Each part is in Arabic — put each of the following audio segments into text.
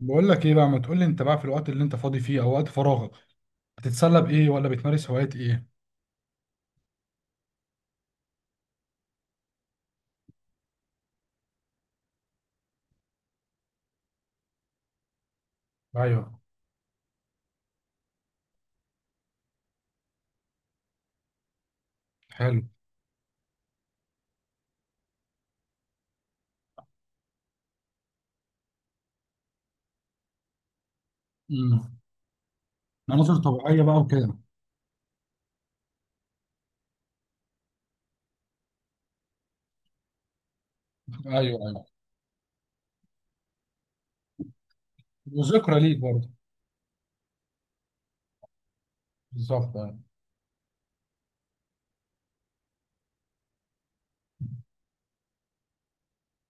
بقول لك ايه بقى. ما تقول لي انت بقى في الوقت اللي انت فاضي فيه او وقت فراغك بتتسلى بايه، ولا بتمارس هوايات ايه؟ ايوه. حلو. امم. مناظر طبيعيه بقى وكده. ايوه، ايوه. وذكرى ليك برضه. بالظبط، ايوه.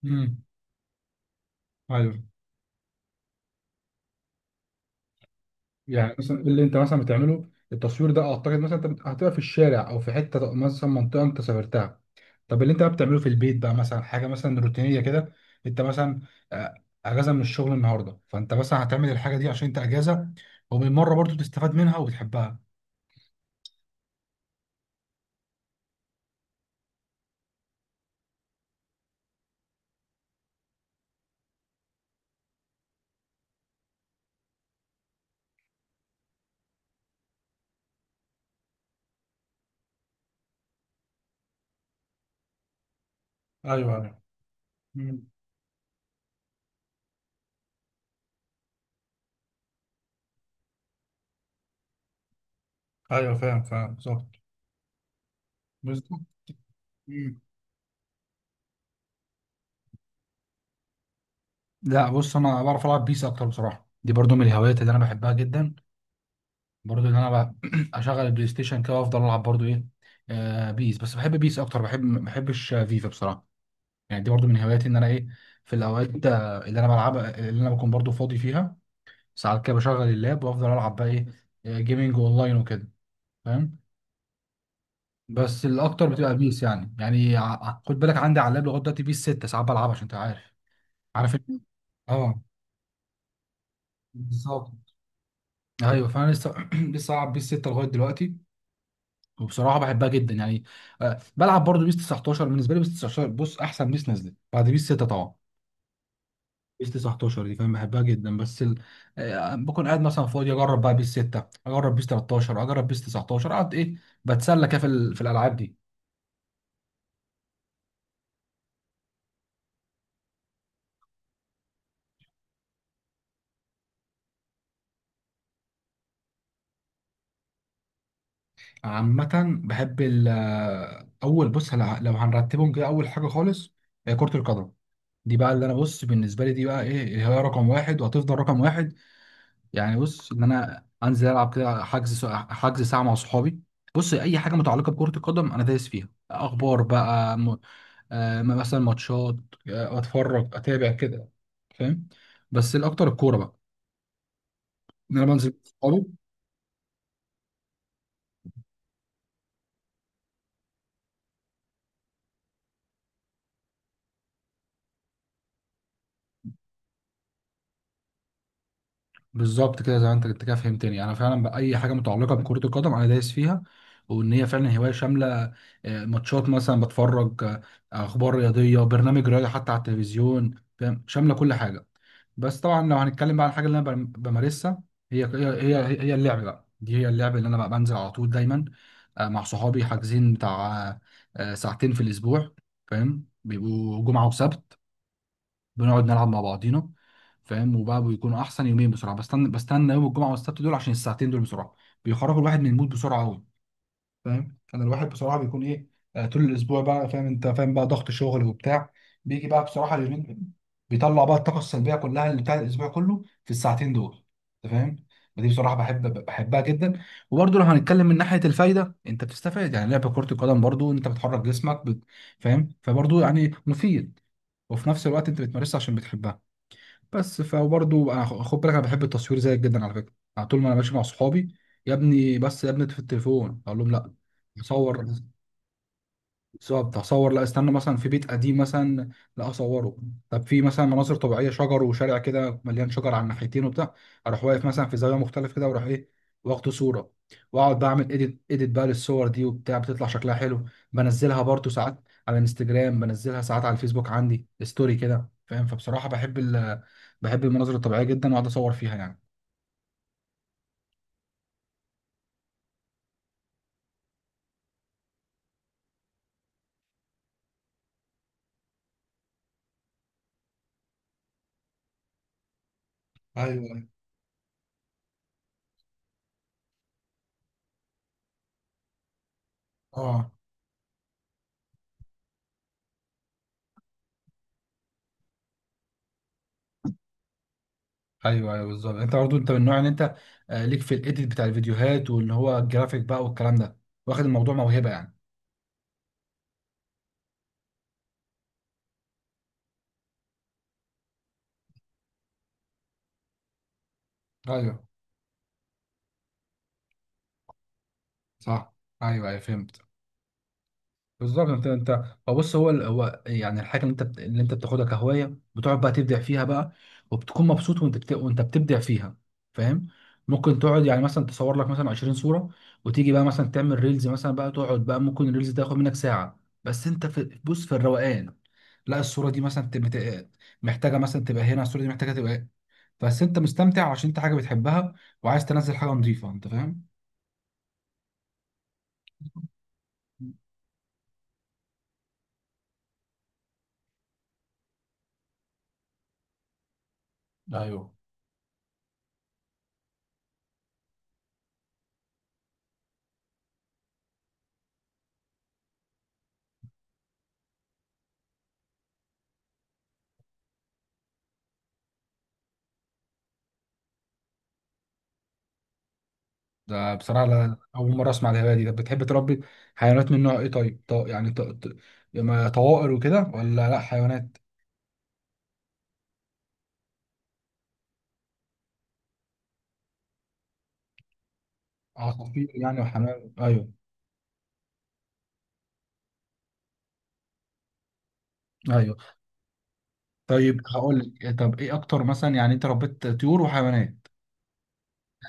امم. ايوه. يعني مثلا اللي انت مثلا بتعمله التصوير ده، اعتقد مثلا هتبقى في الشارع او في حته مثلا منطقه انت سافرتها. طب اللي انت بقى بتعمله في البيت بقى مثلا حاجه مثلا روتينيه كده، انت مثلا آه، اجازه من الشغل النهارده، فانت مثلا هتعمل الحاجه دي عشان انت اجازه، وبالمره برضو تستفاد منها وبتحبها. ايوه، ايوه. مم. ايوه، فاهم فاهم، بالظبط. بالظبط. مم. لا بص، انا بعرف العب بيس اكتر بصراحه، دي برضو من الهوايات اللي انا بحبها جدا، برضو ان انا بقى اشغل البلاي ستيشن كده وافضل العب برضو ايه بيس. بس بحب بيس اكتر، بحب ما بحبش فيفا بصراحه. يعني دي برضو من هواياتي، ان انا ايه، في الاوقات اللي انا بلعب، اللي انا بكون برضو فاضي فيها، ساعات كده بشغل اللاب وافضل العب بقى ايه جيمينج اونلاين وكده، فاهم. بس الاكتر بتبقى بيس، يعني خد بالك عندي على اللاب لغايه دلوقتي بيس 6 ساعات بلعبها، عشان انت عارف، عارف إن- اه. بالظبط، ايوه. فانا لسه لسه العب بيس 6 لغايه دلوقتي، وبصراحه بحبها جدا يعني. بلعب برضو بيس 19، بالنسبه لي بيس 19 بص احسن بيس نزلت بعد بيس 6 طبعا. بيس 19 دي فاهم، بحبها جدا بس ال... آه، بكون قاعد مثلا فاضي، اجرب بقى بيس 6، اجرب بيس 13، اجرب بيس 19، اقعد ايه، بتسلى كده في الالعاب دي. عامه، بحب ال... آه، اول بص لو هنرتبهم كده، اول حاجه خالص هي كره القدم. دي بقى اللي انا بص بالنسبه لي دي بقى ايه، هي رقم واحد وهتفضل رقم واحد. يعني بص ان انا انزل العب كده، حجز ساعه مع صحابي. بص اي حاجه متعلقه بكره القدم انا دايس فيها، اخبار بقى م... آه مثلا ماتشات، اتفرج اتابع كده، فاهم. بس الاكتر الكوره بقى، ان انا بنزل مع صحابي. بالظبط كده، زي ما انت كده فهمتني، يعني انا فعلا باي حاجه متعلقه بكره القدم انا دايس فيها، وان هي فعلا هوايه شامله. ماتشات مثلا بتفرج، اخبار رياضيه، برنامج رياضي حتى على التلفزيون، فاهم، شامله كل حاجه. بس طبعا لو هنتكلم بقى عن الحاجه اللي انا بمارسها، هي اللعب بقى، دي هي اللعب اللي انا بقى بنزل على طول دايما مع صحابي، حاجزين بتاع ساعتين في الاسبوع فاهم، بيبقوا جمعه وسبت، بنقعد نلعب مع بعضينا، فاهم. وبقى بيكونوا احسن يومين بسرعه، بستنى يوم الجمعه والسبت دول، عشان الساعتين دول بسرعه بيخرجوا الواحد من المود بسرعه قوي، فاهم. كان الواحد بصراحه بيكون ايه طول الاسبوع بقى، فاهم انت، فاهم بقى ضغط شغل وبتاع، بيجي بقى بصراحه اليومين دول بيطلع بقى الطاقه السلبيه كلها اللي بتاع الاسبوع كله في الساعتين دول، انت فاهم. فدي بصراحه بحبها جدا. وبرضه لو هنتكلم من ناحيه الفايده، انت بتستفاد يعني، لعب كره القدم برضه انت بتحرك جسمك فاهم، فبرضه يعني مفيد، وفي نفس الوقت انت بتمارسها عشان بتحبها. بس خد بالك، انا بحب التصوير زيك جدا على فكره، على طول ما انا ماشي مع صحابي، يا ابني بس يا ابني في التليفون، اقول لهم لا اصور. بالظبط، هصور لا، استنى مثلا في بيت قديم مثلا لا اصوره. طب في مثلا مناظر طبيعيه شجر وشارع كده مليان شجر على الناحيتين وبتاع، اروح واقف مثلا في زاويه مختلف كده واروح ايه، واخد صوره، واقعد بعمل اديت، بقى للصور دي وبتاع بتطلع شكلها حلو. بنزلها برضو ساعات على الانستجرام، بنزلها ساعات على الفيسبوك عندي ستوري كده، فاهم. فبصراحه بحب بحب المناظر الطبيعيه جدا واقعد اصور فيها يعني. ايوه، أيوة. اه، ايوه، ايوه، بالظبط انت برضه، انت من النوع ان انت ليك في الايديت بتاع الفيديوهات، واللي هو الجرافيك بقى والكلام ده، واخد الموضوع موهبه يعني. ايوه. صح. ايوه، ايوه، فهمت، بالظبط. انت هو بص، هو يعني الحاجه اللي اللي انت بتاخدها كهوايه، بتقعد بقى تبدع فيها بقى، وبتكون مبسوط وانت بتبدع فيها، فاهم. ممكن تقعد يعني مثلا تصور لك مثلا 20 صوره، وتيجي بقى مثلا تعمل ريلز مثلا بقى، تقعد بقى ممكن الريلز ده ياخد منك ساعه، بس انت في بص في الروقان، لا الصوره دي مثلا تبقى محتاجه مثلا تبقى هنا، الصوره دي محتاجه تبقى، بس انت مستمتع عشان انت حاجه بتحبها، وعايز تنزل حاجه نظيفه، انت فاهم. ايوه. ده بصراحة أول مرة أسمع الهواية دي، طب بتحب تربي حيوانات من نوع إيه طيب؟ يما طوائر وكده ولا لأ حيوانات؟ عصافير يعني وحمام، أيوه. أيوه. طيب هقول لك إيه، طب إيه أكتر مثلا يعني أنت ربيت طيور وحيوانات،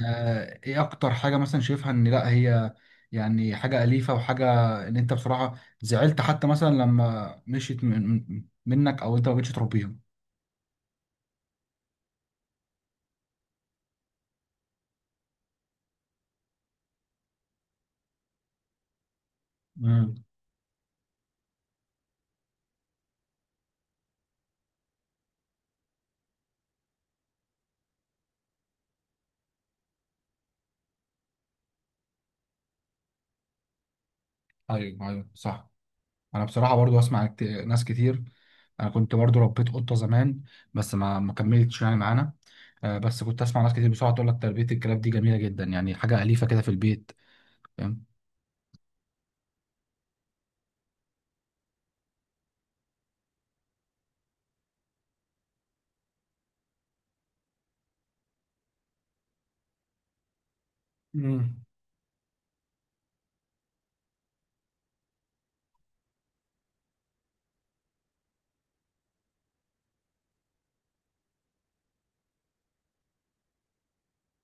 إيه أكتر حاجة مثلا شايفها إن لأ هي يعني حاجة أليفة وحاجة، إن أنت بصراحة زعلت حتى مثلا لما مشيت منك، أو أنت ما بقتش تربيها؟ امم. أيوه، أيوه، صح. انا بصراحه برضو اسمع ناس كتير، انا كنت برضو ربيت قطه زمان بس ما كملتش يعني معانا. بس كنت اسمع ناس كتير بصراحه تقول لك تربيه الكلاب دي جميله جدا، يعني حاجه اليفه كده في البيت، فاهم. امم.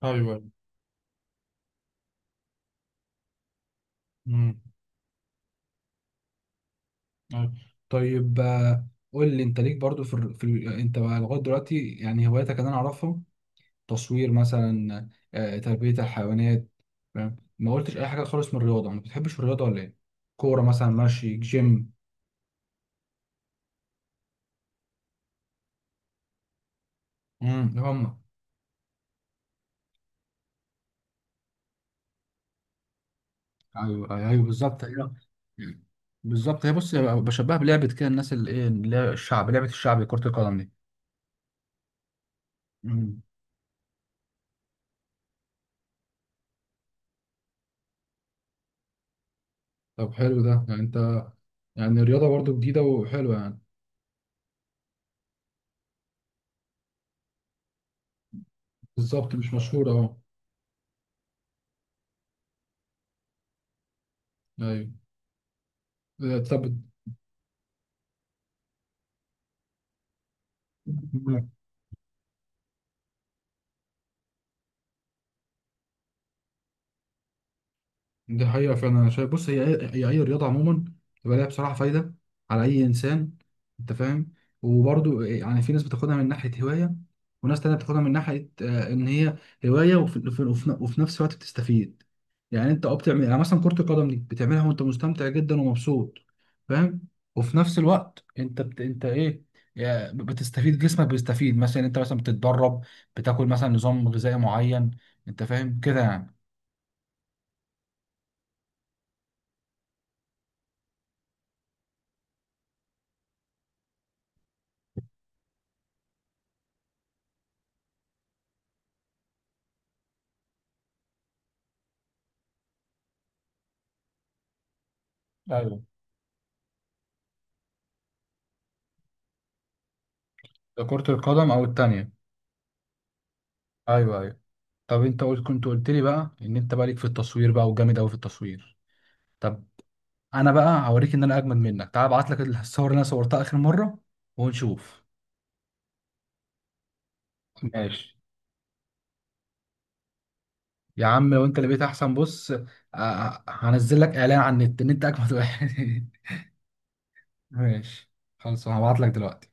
ايوه. امم. أيوة. طيب قول لي انت ليك برضو في, الر- في ال- انت بقى لغايه دلوقتي يعني هواياتك اللي انا اعرفها، تصوير مثلا تربيه الحيوانات، فاهم، ما قلتش اي حاجه خالص من الرياضه، ما بتحبش الرياضه ولا ايه؟ كوره مثلا، ماشي، جيم. امم، هم. ايوه، ايوه، أيوة، بالظبط، ايوه. بالظبط، هي بص، بشبهها بلعبه كده الناس اللي ايه اللي هي الشعب، لعبه الشعب كره القدم دي. مم. طب حلو ده، يعني انت يعني رياضه برضو جديده وحلوه يعني. بالظبط مش مشهوره، اه. ايوه. آه، طب دي حقيقة فعلا أنا شايف، بص هي، هي أي رياضة عموما بيبقى ليها بصراحة فايدة على أي إنسان، أنت فاهم. وبرضو يعني في ناس بتاخدها من ناحية هواية، وناس تانية بتاخدها من ناحية إن هي هواية، وفي نفس الوقت بتستفيد. يعني أنت بتعمل يعني مثلا كرة القدم دي بتعملها وأنت مستمتع جدا ومبسوط، فاهم. وفي نفس الوقت أنت إيه، يعني بتستفيد، جسمك بيستفيد، مثلا أنت مثلا بتتدرب، بتاكل مثلا نظام غذائي معين، أنت فاهم كده يعني. ايوه. ده كرة القدم أو التانية. أيوه، أيوه. طب أنت قلت، قلت لي بقى إن أنت بقى ليك في التصوير بقى وجامد أوي في التصوير، طب أنا بقى هوريك إن أنا أجمد منك، تعال أبعت لك الصور اللي أنا صورتها آخر مرة ونشوف. ماشي. يا عم لو أنت اللي بقيت أحسن بص، هنزل لك إعلان على النت إن أنت أجمد واحد. ماشي. خلاص هبعت لك دلوقتي.